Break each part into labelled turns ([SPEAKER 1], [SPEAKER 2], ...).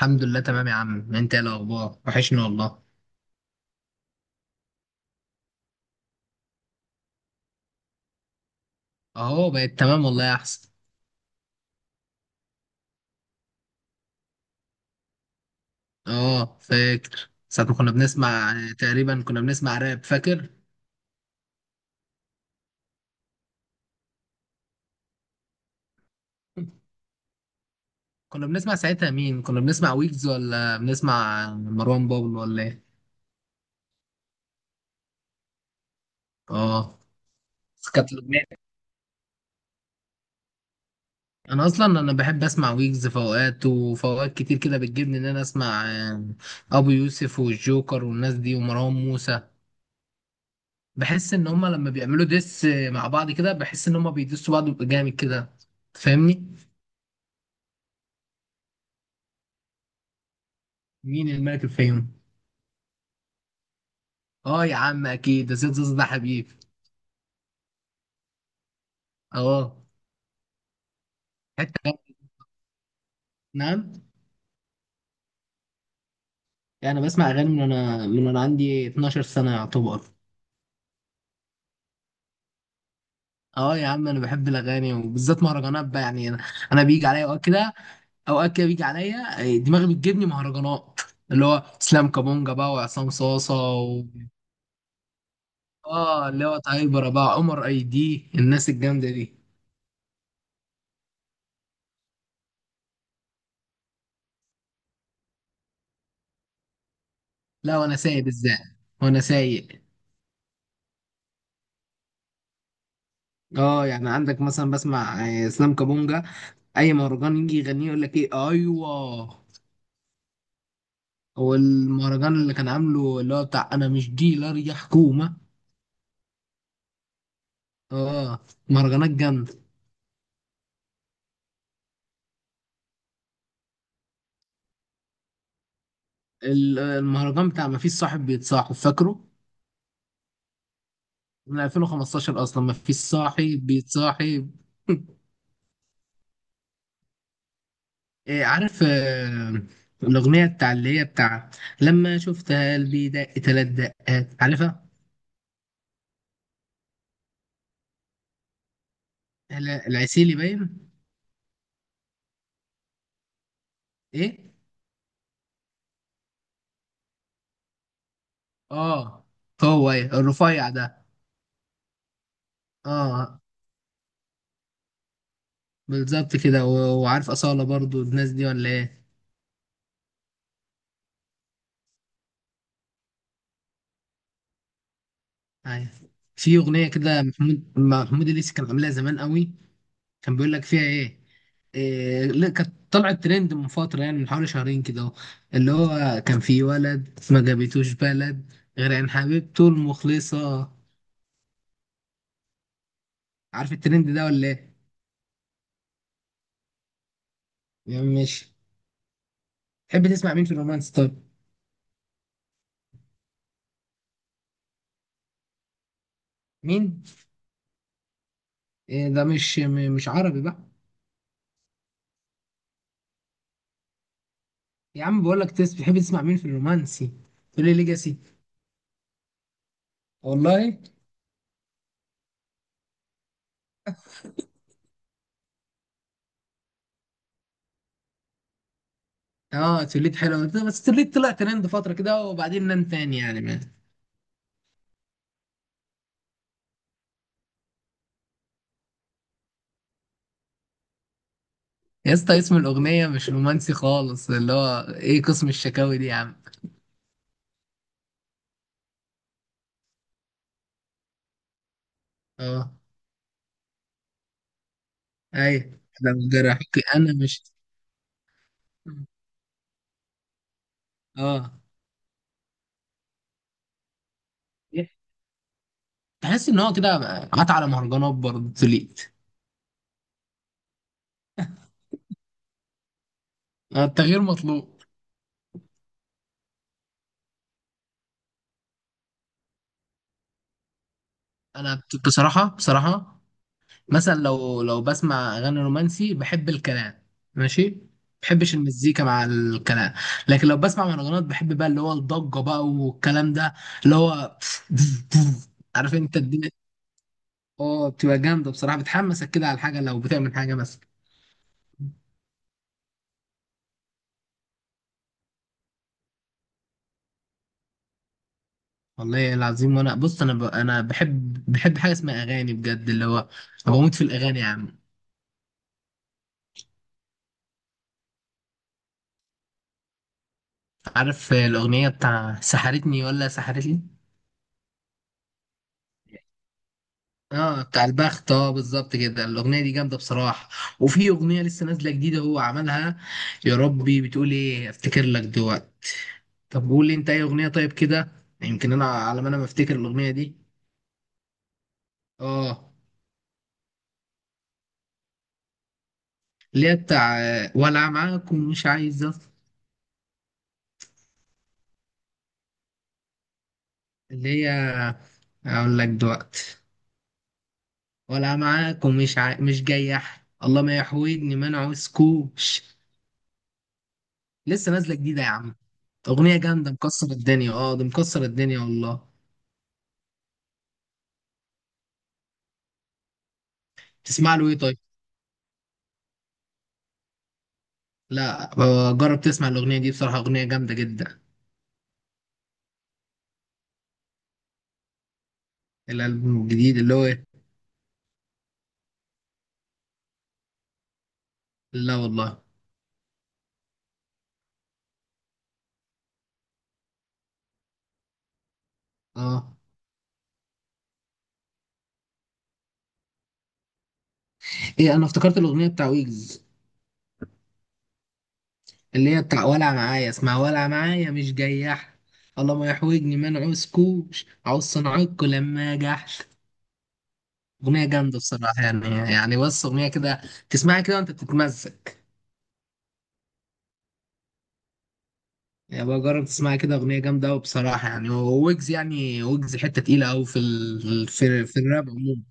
[SPEAKER 1] الحمد لله تمام يا عم، انت ايه الاخبار؟ وحشني والله. اهو بقت تمام والله يا احسن. اه فاكر ساعة ما كنا بنسمع. تقريبا كنا بنسمع راب فاكر. كنا بنسمع ساعتها مين؟ كنا بنسمع ويجز ولا بنسمع مروان بابلو ولا ايه؟ اه. بس كانت الأغنية-. انا اصلا، انا بحب اسمع ويجز في اوقات، وفي اوقات كتير كده بتجيبني ان انا اسمع ابو يوسف والجوكر والناس دي ومروان موسى. بحس ان هما لما بيعملوا ديس مع بعض كده بحس ان هما بيدسوا بعض ويبقى جامد كده. تفهمني؟ مين الملك الفيوم؟ اه يا عم اكيد، ده سيد زوز ده حبيب. اه. حته جامدة. نعم؟ يعني بسمع اغاني من انا عندي 12 سنه يعتبر. اه يا عم، انا بحب الاغاني وبالذات مهرجانات بقى. يعني انا، أنا بيجي عليا اوقات كده. اوقات كده بيجي عليا دماغي بتجيبني مهرجانات، اللي هو اسلام كابونجا بقى، وعصام صاصه و... اه اللي هو تايبر بقى عمر اي دي الناس الجامده دي. لا، وانا سايق بالذات. وانا سايق. اه يعني عندك مثلا بسمع اسلام كابونجا. اي مهرجان يجي يغنيه يقول لك ايه، ايوه. هو المهرجان اللي كان عامله اللي هو بتاع انا مش ديلر يا حكومه. اه. مهرجانات جامده. المهرجان بتاع ما فيش صاحب بيتصاحب، فاكره؟ من 2015 اصلا ما فيش صاحب بيتصاحب. إيه، عارف الاغنيه بتاع، اللي هي بتاع لما شفتها قلبي دق تلات دقات، عارفها؟ العسيلي باين. ايه. اه. هو ايه الرفيع ده؟ اه بالظبط كده. وعارف أصالة برضو الناس دي ولا ايه؟ ايوه. في أغنية كده محمود الليثي كان عاملها زمان قوي. كان بيقول لك فيها ايه؟ إيه، لا كانت طلعت ترند من فترة، يعني من حوالي شهرين كده اهو. اللي هو كان في ولد ما جابتوش بلد غير عن حبيبته المخلصة. عارف الترند ده ولا ايه؟ يعني مش، تحب تسمع مين في الرومانس طب؟ مين؟ إيه ده؟ مش عربي بقى؟ يا عم بقول لك تس، بتحب تسمع مين في الرومانسي؟ تقول لي ليجاسي! والله. اه توليت حلو، بس توليت طلع ترند فتره كده وبعدين نام تاني يعني ما. يا اسطى اسم الاغنيه مش رومانسي خالص، اللي هو ايه قسم الشكاوي دي يا عم؟ اه. ايوه، لو جرحك انا مش. اه. تحس ان هو كده قطع على مهرجانات برضه توليت. التغيير مطلوب. انا بصراحه، بصراحه مثلا لو بسمع اغاني رومانسي بحب الكلام. ماشي. بحبش المزيكا مع الكلام. لكن لو بسمع مهرجانات بحب بقى اللي هو الضجه بقى والكلام ده. اللي هو عارف انت الدنيا. اه بتبقى جامده بصراحه، بتحمسك كده على الحاجه لو بتعمل حاجه مثلا. والله العظيم. وانا بص، انا انا بحب حاجه اسمها اغاني بجد، اللي هو أنا بموت في الاغاني يا عم. عارف الاغنيه بتاع سحرتني ولا سحرتني؟ اه بتاع البخت. اه بالظبط كده، الاغنيه دي جامده بصراحه. وفي اغنيه لسه نازله جديده هو عملها. يا ربي بتقول ايه، افتكر لك دلوقتي. طب قول لي انت اي اغنيه طيب كده، يمكن انا على ما انا ما افتكر الاغنيه دي. اه. اللي هي بتاع ولا معاكم مش عايزه. اللي هي، اقول لك دلوقتي. ولا معاكم مش جاي احد، الله ما يحوجني، ما انا عاوزكوش. لسه نازله جديده يا عم، اغنيه جامده مكسره الدنيا. اه ده مكسره الدنيا والله. تسمع له ايه طيب؟ لا، جرب تسمع الأغنية دي، بصراحة أغنية جامدة جدا. الألبوم الجديد اللي هو إيه؟ لا والله. اه، ايه، انا افتكرت الأغنية بتاع ويجز، اللي هي بتاع ولع معايا. اسمع، ولع معايا مش جياح، الله ما يحوجني ما نعوزكوش، عاوز صنعكوا لما جحش. أغنية جامدة بصراحة يعني. يعني بص، أغنية كده تسمعها كده وأنت بتتمزج. يعني بقى جرب تسمعها كده، أغنية جامدة أوي بصراحة. يعني ويجز، يعني ويجز حتة تقيلة أوي في في الراب عموما.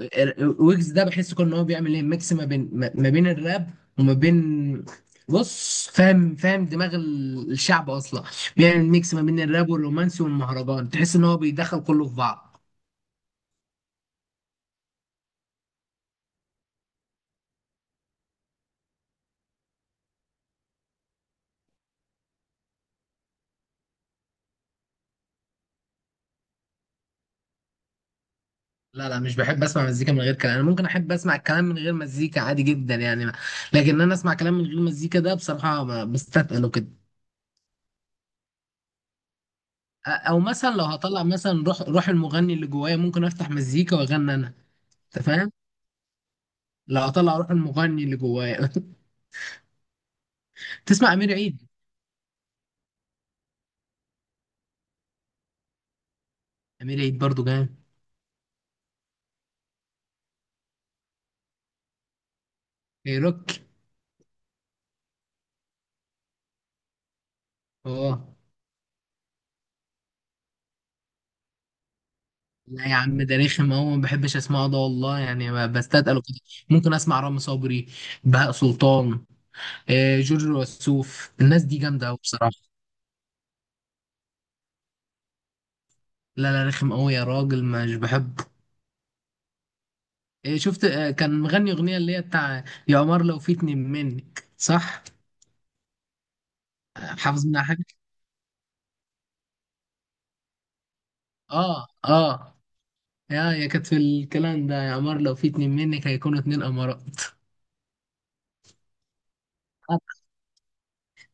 [SPEAKER 1] ويجز ده بحس كل ان هو بيعمل ايه، ميكس ما بين ما بين الراب وما بين، بص فاهم، فاهم دماغ الشعب اصلا. بيعمل ميكس ما بين الراب والرومانسي والمهرجان، تحس ان هو بيدخل كله في بعض. لا لا، مش بحب اسمع مزيكا من غير كلام. انا ممكن احب اسمع الكلام من غير مزيكا عادي جدا يعني. لكن انا اسمع كلام من غير مزيكا ده بصراحة بستثقله كده. او مثلا لو هطلع مثلا روح المغني اللي جوايا، ممكن افتح مزيكا واغني انا. انت فاهم؟ لو هطلع روح المغني اللي جوايا تسمع امير عيد؟ امير عيد برضو جامد. كايروك. اه. لا يا عم ده رخم، اهو ما بحبش اسمعه ده والله، يعني ما بستثقله كده. ممكن اسمع رامي صبري، بهاء سلطان، جورج وسوف، الناس دي جامده قوي بصراحه. لا لا، رخم قوي يا راجل، مش بحبه. شفت كان مغني اغنيه اللي هي بتاع يا قمر لو في اتنين منك، صح؟ حافظ منها حاجه؟ اه اه. يا كانت في الكلام ده: يا قمر لو في اتنين منك هيكونوا اتنين قمرات.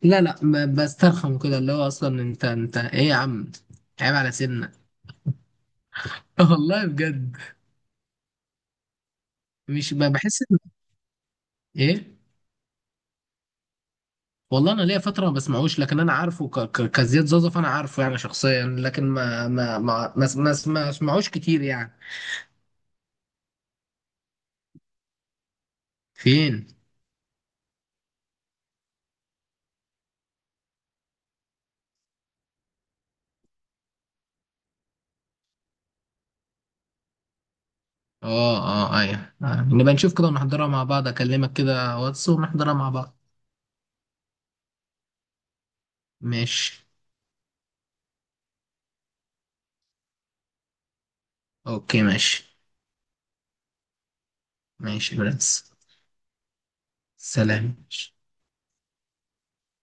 [SPEAKER 1] لا لا، بسترخم كده. اللي هو اصلا انت ايه يا عم، عيب على سنك والله بجد. مش بحس ان. ايه؟ والله انا ليا فتره ما بسمعوش، لكن انا عارفه كزياد زازا، فانا عارفه يعني شخصيا. لكن ما اسمعوش كتير يعني. فين؟ اه اه ايوه نبقى نشوف كده ونحضرها مع بعض، اكلمك كده واتس ونحضرها مع بعض. ماشي. اوكي ماشي. ماشي يا برنس. سلام.